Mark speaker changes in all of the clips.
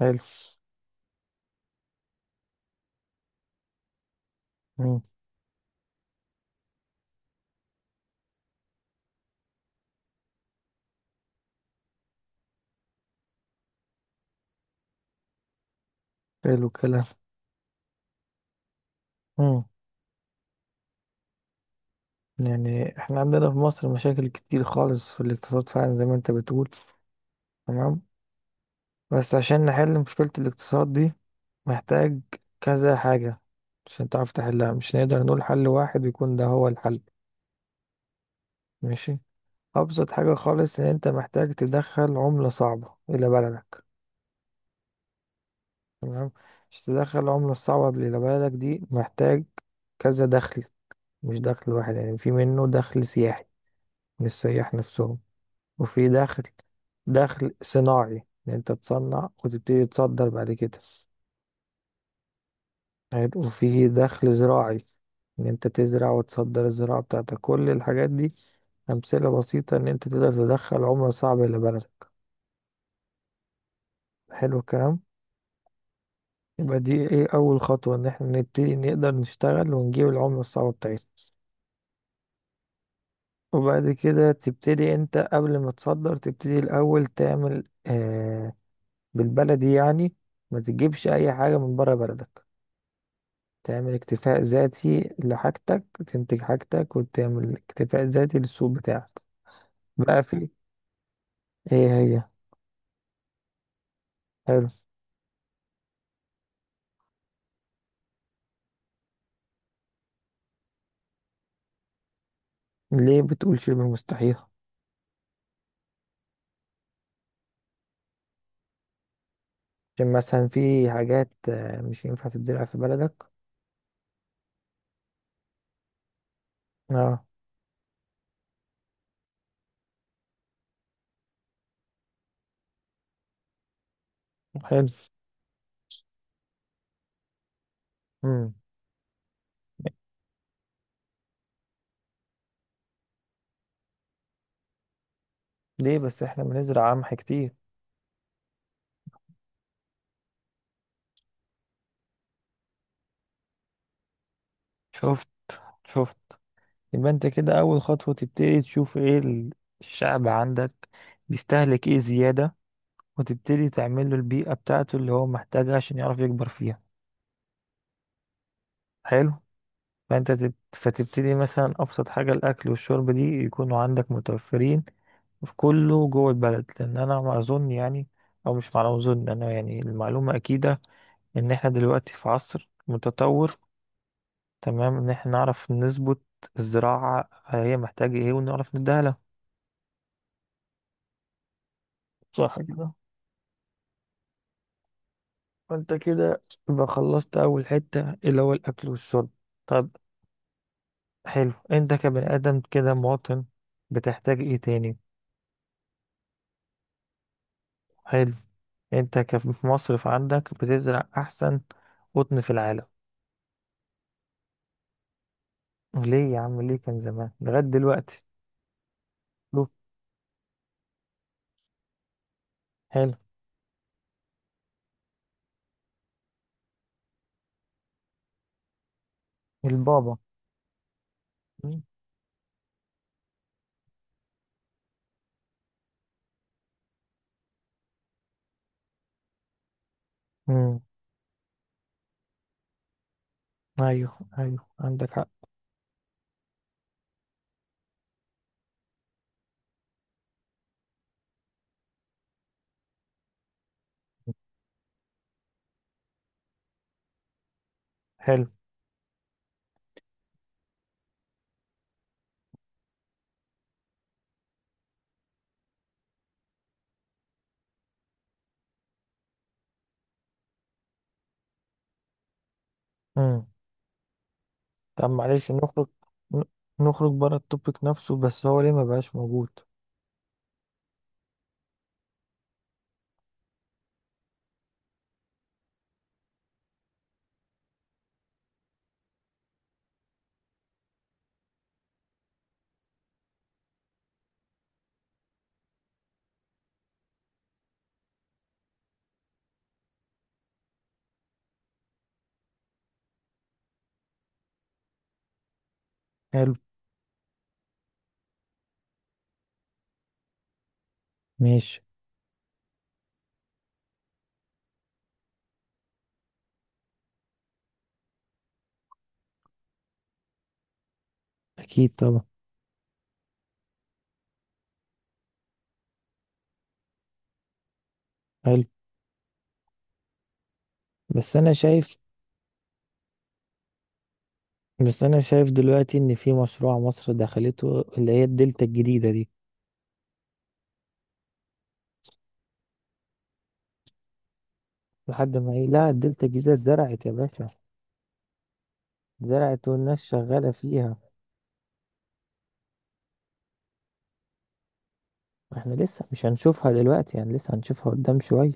Speaker 1: حلو. مم. حلو الكلام. مم. يعني احنا عندنا في مصر مشاكل كتير خالص في الاقتصاد فعلا زي ما انت بتقول، تمام. بس عشان نحل مشكلة الاقتصاد دي، محتاج كذا حاجة عشان تعرف تحلها، مش نقدر نقول حل واحد يكون ده هو الحل. ماشي. أبسط حاجة خالص إن أنت محتاج تدخل عملة صعبة إلى بلدك. تمام. عشان تدخل العملة الصعبة إلى بلدك دي، محتاج كذا دخل، مش دخل واحد. يعني في منه دخل سياحي من السياح نفسهم، وفي دخل صناعي، ان انت تصنع وتبتدي تصدر بعد كده. حلو. وفي دخل زراعي، ان انت تزرع وتصدر الزراعة بتاعتك. كل الحاجات دي امثلة بسيطة ان انت تقدر تدخل عملة صعبة الى بلدك. حلو الكلام. يبقى دي ايه؟ اول خطوة ان احنا نبتدي نقدر نشتغل ونجيب العملة الصعبة بتاعتنا. وبعد كده تبتدي انت، قبل ما تصدر تبتدي الاول تعمل بالبلدي يعني، ما تجيبش اي حاجة من بره بلدك. تعمل اكتفاء ذاتي لحاجتك، تنتج حاجتك وتعمل اكتفاء ذاتي للسوق بتاعك. بقى في. ايه هي؟ حلو. ليه بتقول شبه مستحيل؟ عشان مثلا في حاجات مش ينفع تتزرع في بلدك. اه. حلو. امم. ليه؟ بس احنا بنزرع قمح كتير. شفت، شفت. يبقى انت كده اول خطوة تبتدي تشوف ايه الشعب عندك بيستهلك ايه زيادة، وتبتدي تعمل له البيئة بتاعته اللي هو محتاجها عشان يعرف يكبر فيها. حلو. فانت فتبتدي مثلا ابسط حاجه، الاكل والشرب دي يكونوا عندك متوفرين في كله جوه البلد، لان انا ما اظن يعني، او مش معلومه اظن انا، يعني المعلومه اكيده ان احنا دلوقتي في عصر متطور، تمام، ان احنا نعرف نظبط الزراعه هي محتاجه ايه ونعرف نديها لها. صح كده؟ فانت كده يبقى خلصت اول حتة اللي هو الاكل والشرب. طب. حلو. انت كبني ادم كده مواطن، بتحتاج ايه تاني؟ حلو. انت مصرف عندك بتزرع احسن قطن في العالم. ليه يا عم؟ ليه كان زمان لغاية دلوقتي؟ له. حلو. البابا. امم. ايوه ايوه، عندك حق. حلو. امم. طب معلش نخرج، ن- نخرج بره التوبيك نفسه، بس هو ليه ما بقاش موجود؟ حلو. ماشي. اكيد طبعا. حلو. بس انا شايف بس انا شايف دلوقتي ان في مشروع مصر دخلته اللي هي الدلتا الجديدة دي. لحد ما ايه؟ لا، الدلتا الجديدة اتزرعت يا باشا. زرعت والناس شغالة فيها. احنا لسه مش هنشوفها دلوقتي، يعني لسه هنشوفها قدام شوية،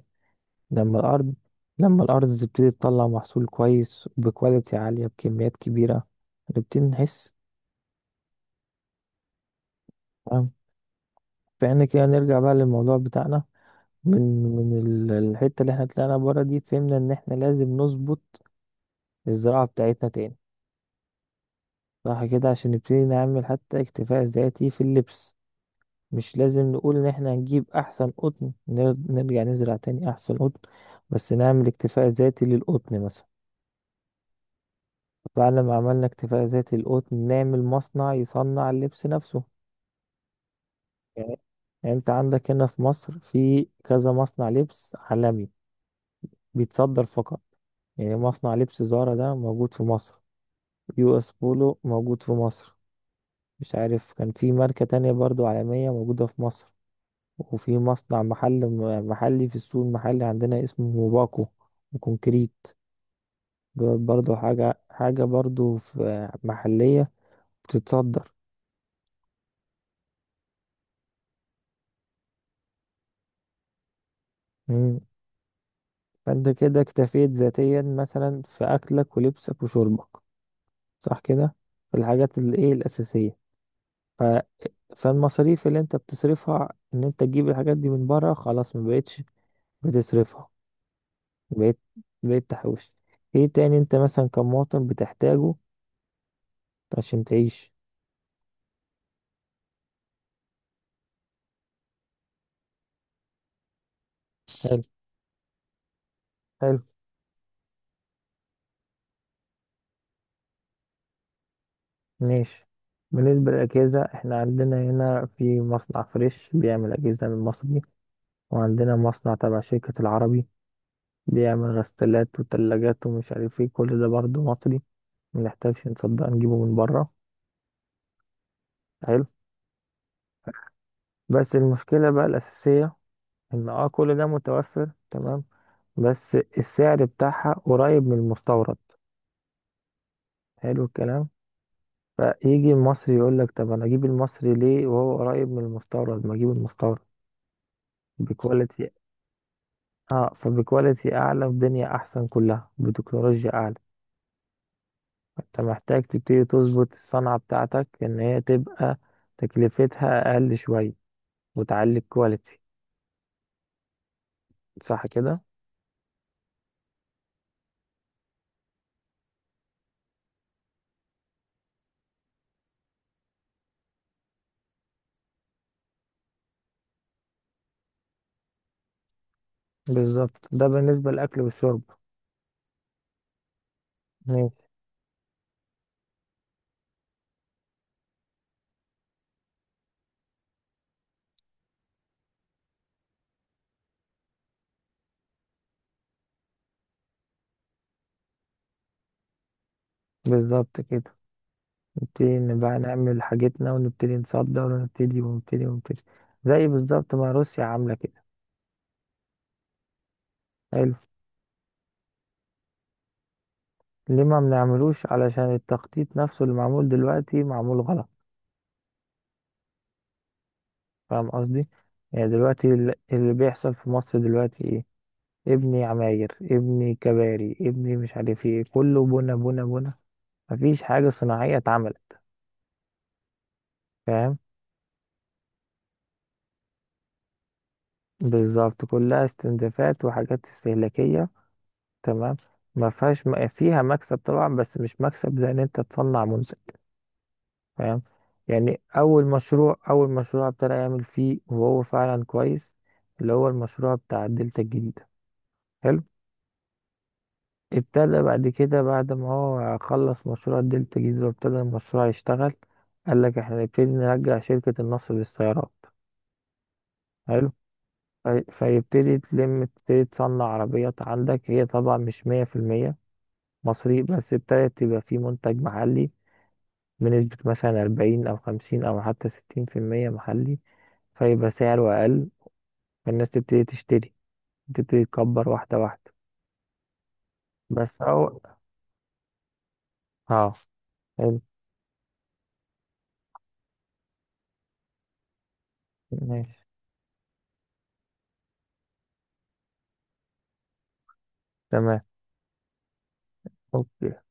Speaker 1: لما الأرض لما الأرض تبتدي تطلع محصول كويس بكواليتي عالية بكميات كبيرة، نبتدي نحس. تمام. فإحنا كده نرجع بقى للموضوع بتاعنا من الحتة اللي احنا طلعنا بره دي، فهمنا إن احنا لازم نظبط الزراعة بتاعتنا تاني. صح كده؟ عشان نبتدي نعمل حتى اكتفاء ذاتي في اللبس. مش لازم نقول ان احنا هنجيب احسن قطن، نرجع نزرع تاني احسن قطن، بس نعمل اكتفاء ذاتي للقطن مثلا. بعد ما عملنا اكتفاء ذاتي للقطن، نعمل مصنع يصنع اللبس نفسه. يعني يعني انت عندك هنا في مصر في كذا مصنع لبس عالمي بيتصدر فقط. يعني مصنع لبس زارا ده موجود في مصر، يو اس بولو موجود في مصر، مش عارف كان في ماركة تانية برضو عالمية موجودة في مصر. وفي مصنع محلي في السوق المحلي عندنا، اسمه موباكو وكونكريت. دول برضو حاجة حاجة، برضو في محلية بتتصدر. مم. فانت كده اكتفيت ذاتيا مثلا في أكلك ولبسك وشربك، صح كده، في الحاجات الايه الأساسية. ف... فالمصاريف اللي انت بتصرفها ان انت تجيب الحاجات دي من بره، خلاص ما بقتش بتصرفها. بقيت بقيت تحوش. ايه تاني انت مثلا كمواطن بتحتاجه عشان تعيش؟ حلو. حلو. ماشي. بالنسبة للأجهزة، احنا عندنا هنا في مصنع فريش بيعمل أجهزة من مصري، وعندنا مصنع تبع شركة العربي بيعمل غسالات وتلاجات ومش عارف ايه، كل ده برضه مصري، منحتاجش نصدق نجيبه من بره. حلو. بس المشكلة بقى الأساسية إن كل ده متوفر تمام، بس السعر بتاعها قريب من المستورد. حلو الكلام. فيجي المصري يقول لك طب انا اجيب المصري ليه وهو قريب من المستورد؟ ما اجيب المستورد بكواليتي اه فبكواليتي اعلى في دنيا احسن، كلها بتكنولوجيا اعلى. انت محتاج تبتدي تظبط الصنعة بتاعتك ان هي تبقى تكلفتها اقل شوية، وتعلي الكواليتي. صح كده؟ بالظبط. ده بالنسبة للاكل والشرب. ماشي. بالظبط كده، نبتدي نبقى نعمل حاجتنا ونبتدي نصدر، ونبتدي ونبتدي ونبتدي، زي بالظبط ما روسيا عاملة كده. حلو. ليه ما بنعملوش؟ علشان التخطيط نفسه اللي معمول دلوقتي معمول غلط. فاهم قصدي؟ يعني دلوقتي اللي بيحصل في مصر دلوقتي ايه؟ ابني عماير، ابني كباري، ابني مش عارف ايه، كله بنا بنا بنا، مفيش حاجة صناعية اتعملت. فاهم. بالظبط كلها استنزافات وحاجات استهلاكية. تمام. ما فيهاش فيها مكسب طبعا، بس مش مكسب زي ان انت تصنع منتج. فاهم. يعني اول مشروع ابتدى يعمل فيه وهو فعلا كويس، اللي هو المشروع بتاع الدلتا الجديدة. حلو. ابتدى بعد كده، بعد ما هو خلص مشروع دلتا جيزة وابتدى المشروع يشتغل، قال لك احنا نبتدي نرجع شركة النصر للسيارات. حلو. فيبتدي تلم، تبتدي تصنع عربيات عندك، هي طبعا مش 100% مصري، بس ابتدت تبقى في منتج محلي بنسبة مثلا 40 أو 50 أو حتى 60% محلي، فيبقى سعره أقل، فالناس تبتدي تشتري، تبتدي تكبر واحدة واحدة. بس أو. اه. حلو. ماشي. تمام. أوكي.